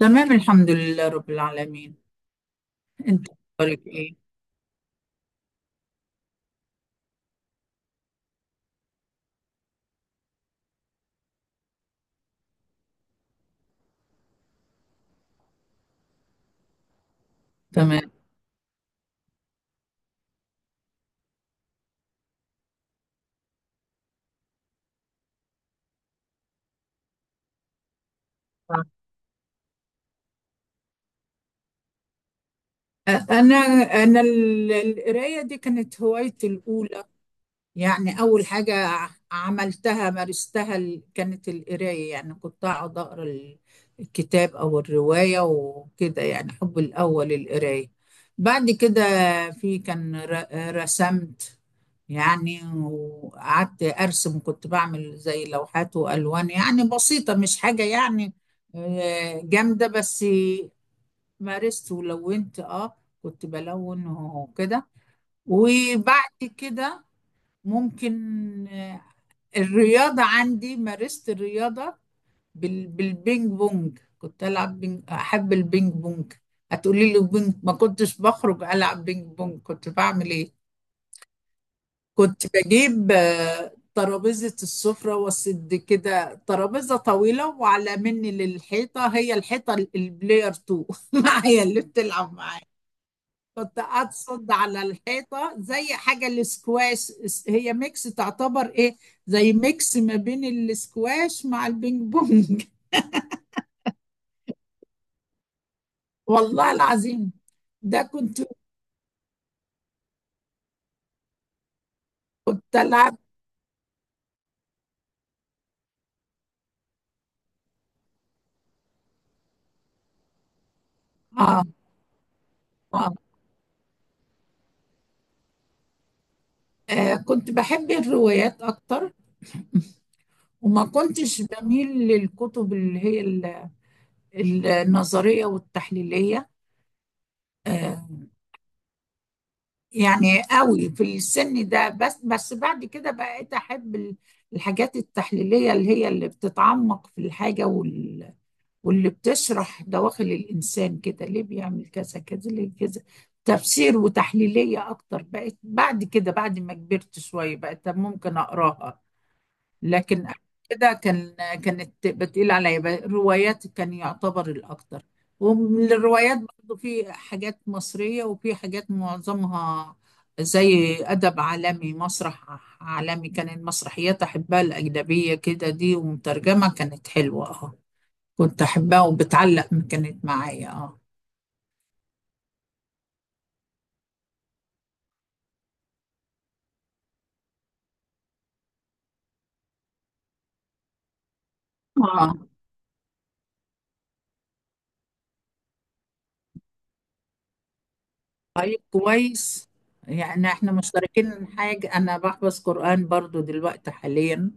تمام الحمد لله رب العالمين. انت اخبارك ايه؟ تمام. انا انا القرايه دي كانت هوايتي الاولى. يعني أول حاجة عملتها مارستها كانت القراية. يعني كنت أقعد أقرأ الكتاب أو الرواية وكده، يعني حب الأول القراية. بعد كده رسمت، يعني وقعدت أرسم، كنت بعمل زي لوحات وألوان يعني بسيطة، مش حاجة يعني جامدة. بس مارست ولونت، اه كنت بلون وكده. وبعد كده ممكن آه، الرياضة، عندي مارست الرياضة بالبينج بونج، كنت ألعب بينج، أحب البينج بونج. هتقولي لي بينج ما كنتش بخرج ألعب بينج بونج كنت بعمل إيه؟ كنت بجيب ترابيزة السفرة وأسد كده ترابيزة طويلة وعلى مني للحيطة، هي الحيطة البلاير 2 معايا اللي بتلعب معايا. كنت اقصد على الحيطه زي حاجه الاسكواش، هي ميكس تعتبر ايه؟ زي ميكس ما بين الاسكواش مع البينج بونج. والله العظيم. ده كنت، كنت العب. آه, آه, اه كنت بحب الروايات اكتر، وما كنتش بميل للكتب اللي هي النظريه والتحليليه. آه، يعني قوي في السن ده، بس بعد كده بقيت احب الحاجات التحليلية، اللي هي اللي بتتعمق في الحاجة واللي بتشرح دواخل الإنسان، كده ليه بيعمل كذا كذا ليه كذا، تفسير وتحليلية أكتر بقيت بعد كده، بعد ما كبرت شوية بقيت ممكن أقراها. لكن قبل كده كان، كانت بتقيل عليا بقى الروايات، كان يعتبر الأكتر. ومن الروايات برضو في حاجات مصرية وفي حاجات معظمها زي أدب عالمي، مسرح عالمي، كان المسرحيات أحبها الأجنبية كده دي ومترجمة كانت حلوة، اه كنت أحبها وبتعلق كانت معايا، اه. اه. طيب كويس، يعني احنا مشتركين حاجة، أنا بحفظ قرآن برضو دلوقتي حاليا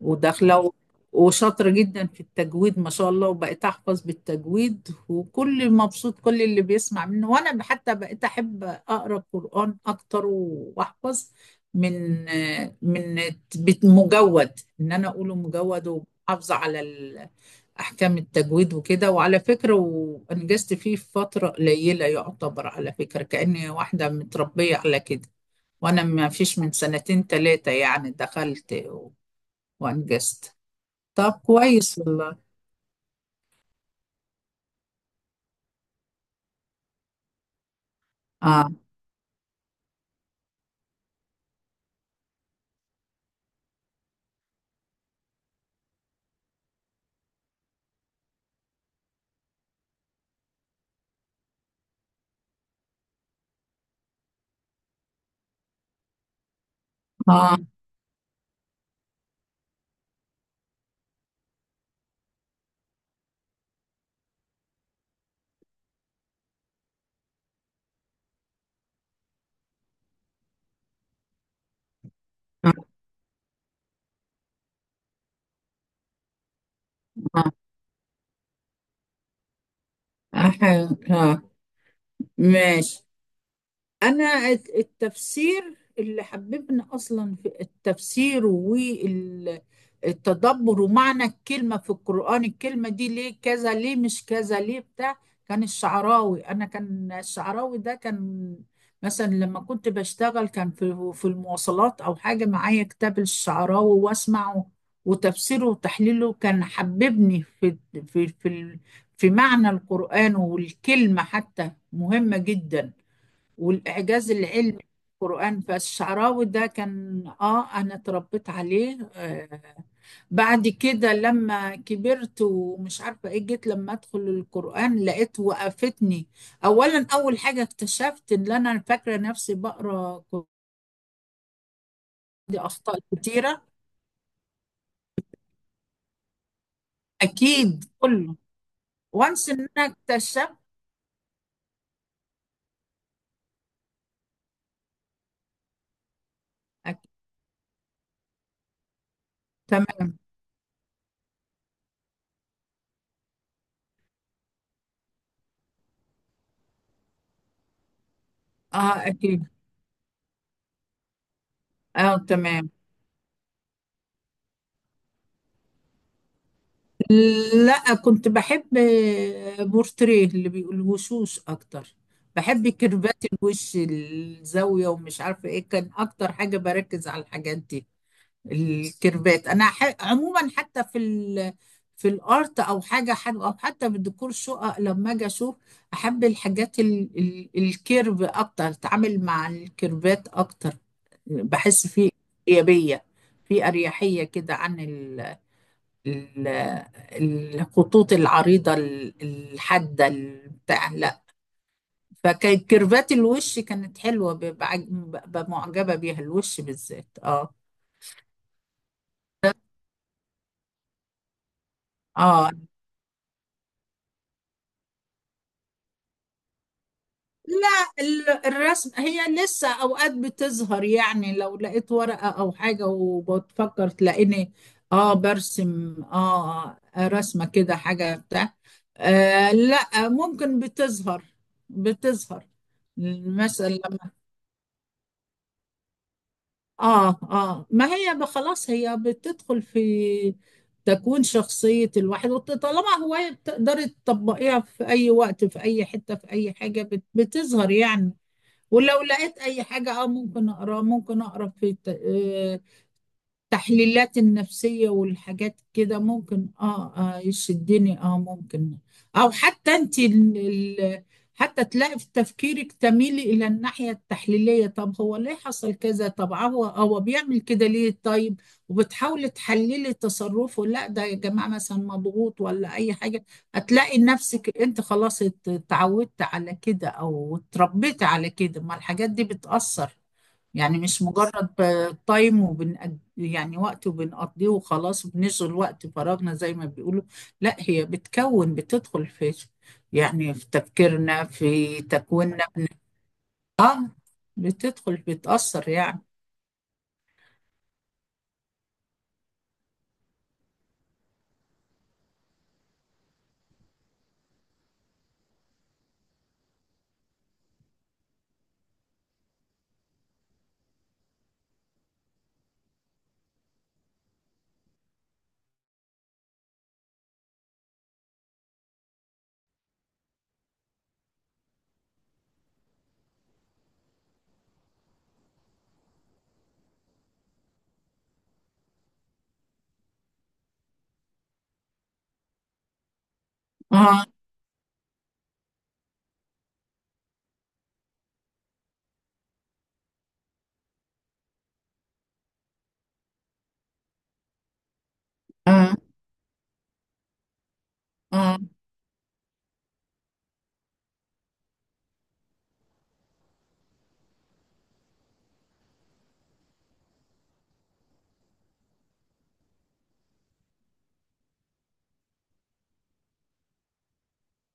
وداخله وشاطره جدا في التجويد ما شاء الله. وبقيت احفظ بالتجويد وكل مبسوط كل اللي بيسمع منه، وانا حتى بقيت احب اقرا قران اكتر واحفظ من من مجود، ان انا اقوله مجود ومحافظه على احكام التجويد وكده. وعلى فكره وانجزت فيه في فتره قليله يعتبر، على فكره كاني واحده متربيه على كده، وانا ما فيش من سنتين 3 يعني دخلت وانجزت. طب كويس والله. اه. اه. اه, آه. آه. آه. آه، ماشي. انا التفسير اللي حببني اصلا في التفسير والتدبر ومعنى الكلمه في القران، الكلمه دي ليه كذا ليه مش كذا ليه بتاع، كان الشعراوي. انا كان الشعراوي ده كان مثلا لما كنت بشتغل كان في المواصلات او حاجه معايا كتاب الشعراوي واسمعه. وتفسيره وتحليله كان حببني في في في معنى القران والكلمه، حتى مهمه جدا، والإعجاز العلمي في القرآن. فالشعراوي ده كان، آه أنا اتربيت عليه آه. بعد كده لما كبرت ومش عارفة إيه جيت لما أدخل القرآن لقيت وقفتني. أولا أول حاجة اكتشفت إن أنا فاكرة نفسي بقرأ دي أخطاء كتيرة أكيد كله. وانس إن أنا اكتشفت. أكيد. تمام. آه أكيد. آه تمام. لا كنت بحب بورتريه اللي بيقول وشوش اكتر، بحب كيرفات الوش، الزاوية ومش عارفة ايه، كان اكتر حاجة بركز على الحاجات دي، الكيرفات. انا عموما حتى في الارت او حاجة حلوة، او حتى في الديكور شقق لما اجي اشوف احب الحاجات الكيرف اكتر، اتعامل مع الكيرفات اكتر، بحس فيه ايجابية، في اريحية كده عن ال- الخطوط العريضة الحادة بتاع. لا، فكان كيرفات الوش كانت حلوة، ببقى ببقى معجبة بيها الوش بالذات، اه. اه. لا، الرسم هي لسه اوقات بتظهر. يعني لو لقيت ورقة او حاجة وبتفكر تلاقيني اه برسم، اه رسمة كده حاجة بتاع. آه لا ممكن بتظهر مثلا. اه. اه ما هي خلاص هي بتدخل في تكوين شخصية الواحد. طالما هواية بتقدري تطبقيها في أي وقت، في أي حتة، في أي حاجة بتظهر يعني. ولو لقيت أي حاجة اه ممكن أقرأ، ممكن أقرأ في التحليلات النفسية والحاجات كده، ممكن اه, يشدني اه ممكن. او حتى انت حتى تلاقي في تفكيرك تميلي الى الناحية التحليلية، طب هو ليه حصل كذا، طب هو بيعمل كده ليه، طيب. وبتحاولي تحللي تصرفه، لا ده يا جماعة مثلا مضغوط ولا اي حاجة. هتلاقي نفسك انت خلاص اتعودت على كده او اتربيت على كده، ما الحاجات دي بتأثر. يعني مش مجرد ب- تايم وبن يعني وقت وبنقضيه وخلاص، وبنشغل وقت فراغنا زي ما بيقولوا. لا هي بتكون بتدخل في، يعني في تفكيرنا في تكويننا. اه بتدخل بتأثر يعني. اه. اه. اه.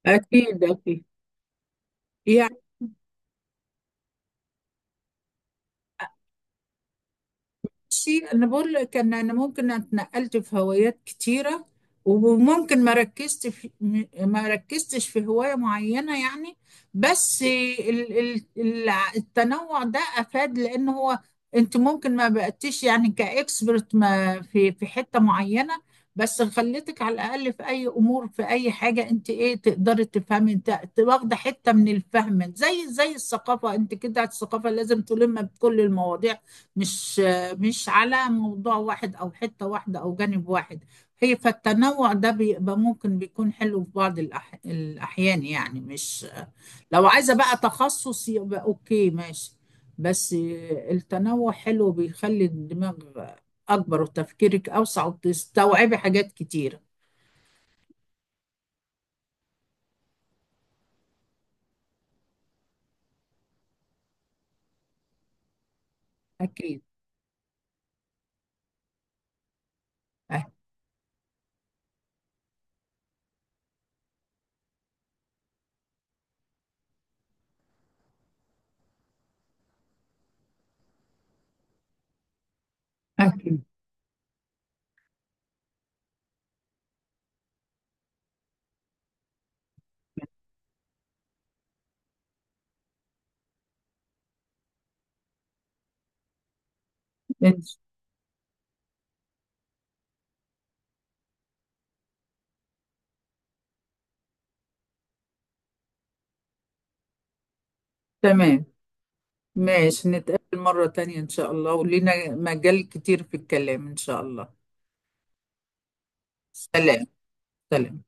اكيد اكيد. شيء انا بقول لك ان انا ممكن اتنقلت في هوايات كتيره، وممكن ما ركزتش في هوايه معينه يعني. بس التنوع ده افاد، لان هو انت ممكن ما بقتيش يعني كاكسبرت ما في حته معينه، بس خليتك على الاقل في اي امور، في اي حاجه انت ايه تقدري تفهمي، واخده حته من الفهم زي الثقافه. انت كده الثقافه لازم تلم بكل المواضيع، مش مش على موضوع واحد أو حتة واحدة أو جانب واحد. هي فالتنوع ده بيبقى ممكن بيكون حلو في بعض الأحيان، يعني مش لو عايزة بقى تخصص يبقى أوكي ماشي. بس التنوع حلو، بيخلي الدماغ أكبر وتفكيرك أوسع وتستوعبي حاجات كتيرة. أكيد. أه- أكيد. إن- تمام. ماشي نتقابل مرة تانية إن شاء الله، ولينا مجال كتير في الكلام إن شاء الله. سلام. سلام.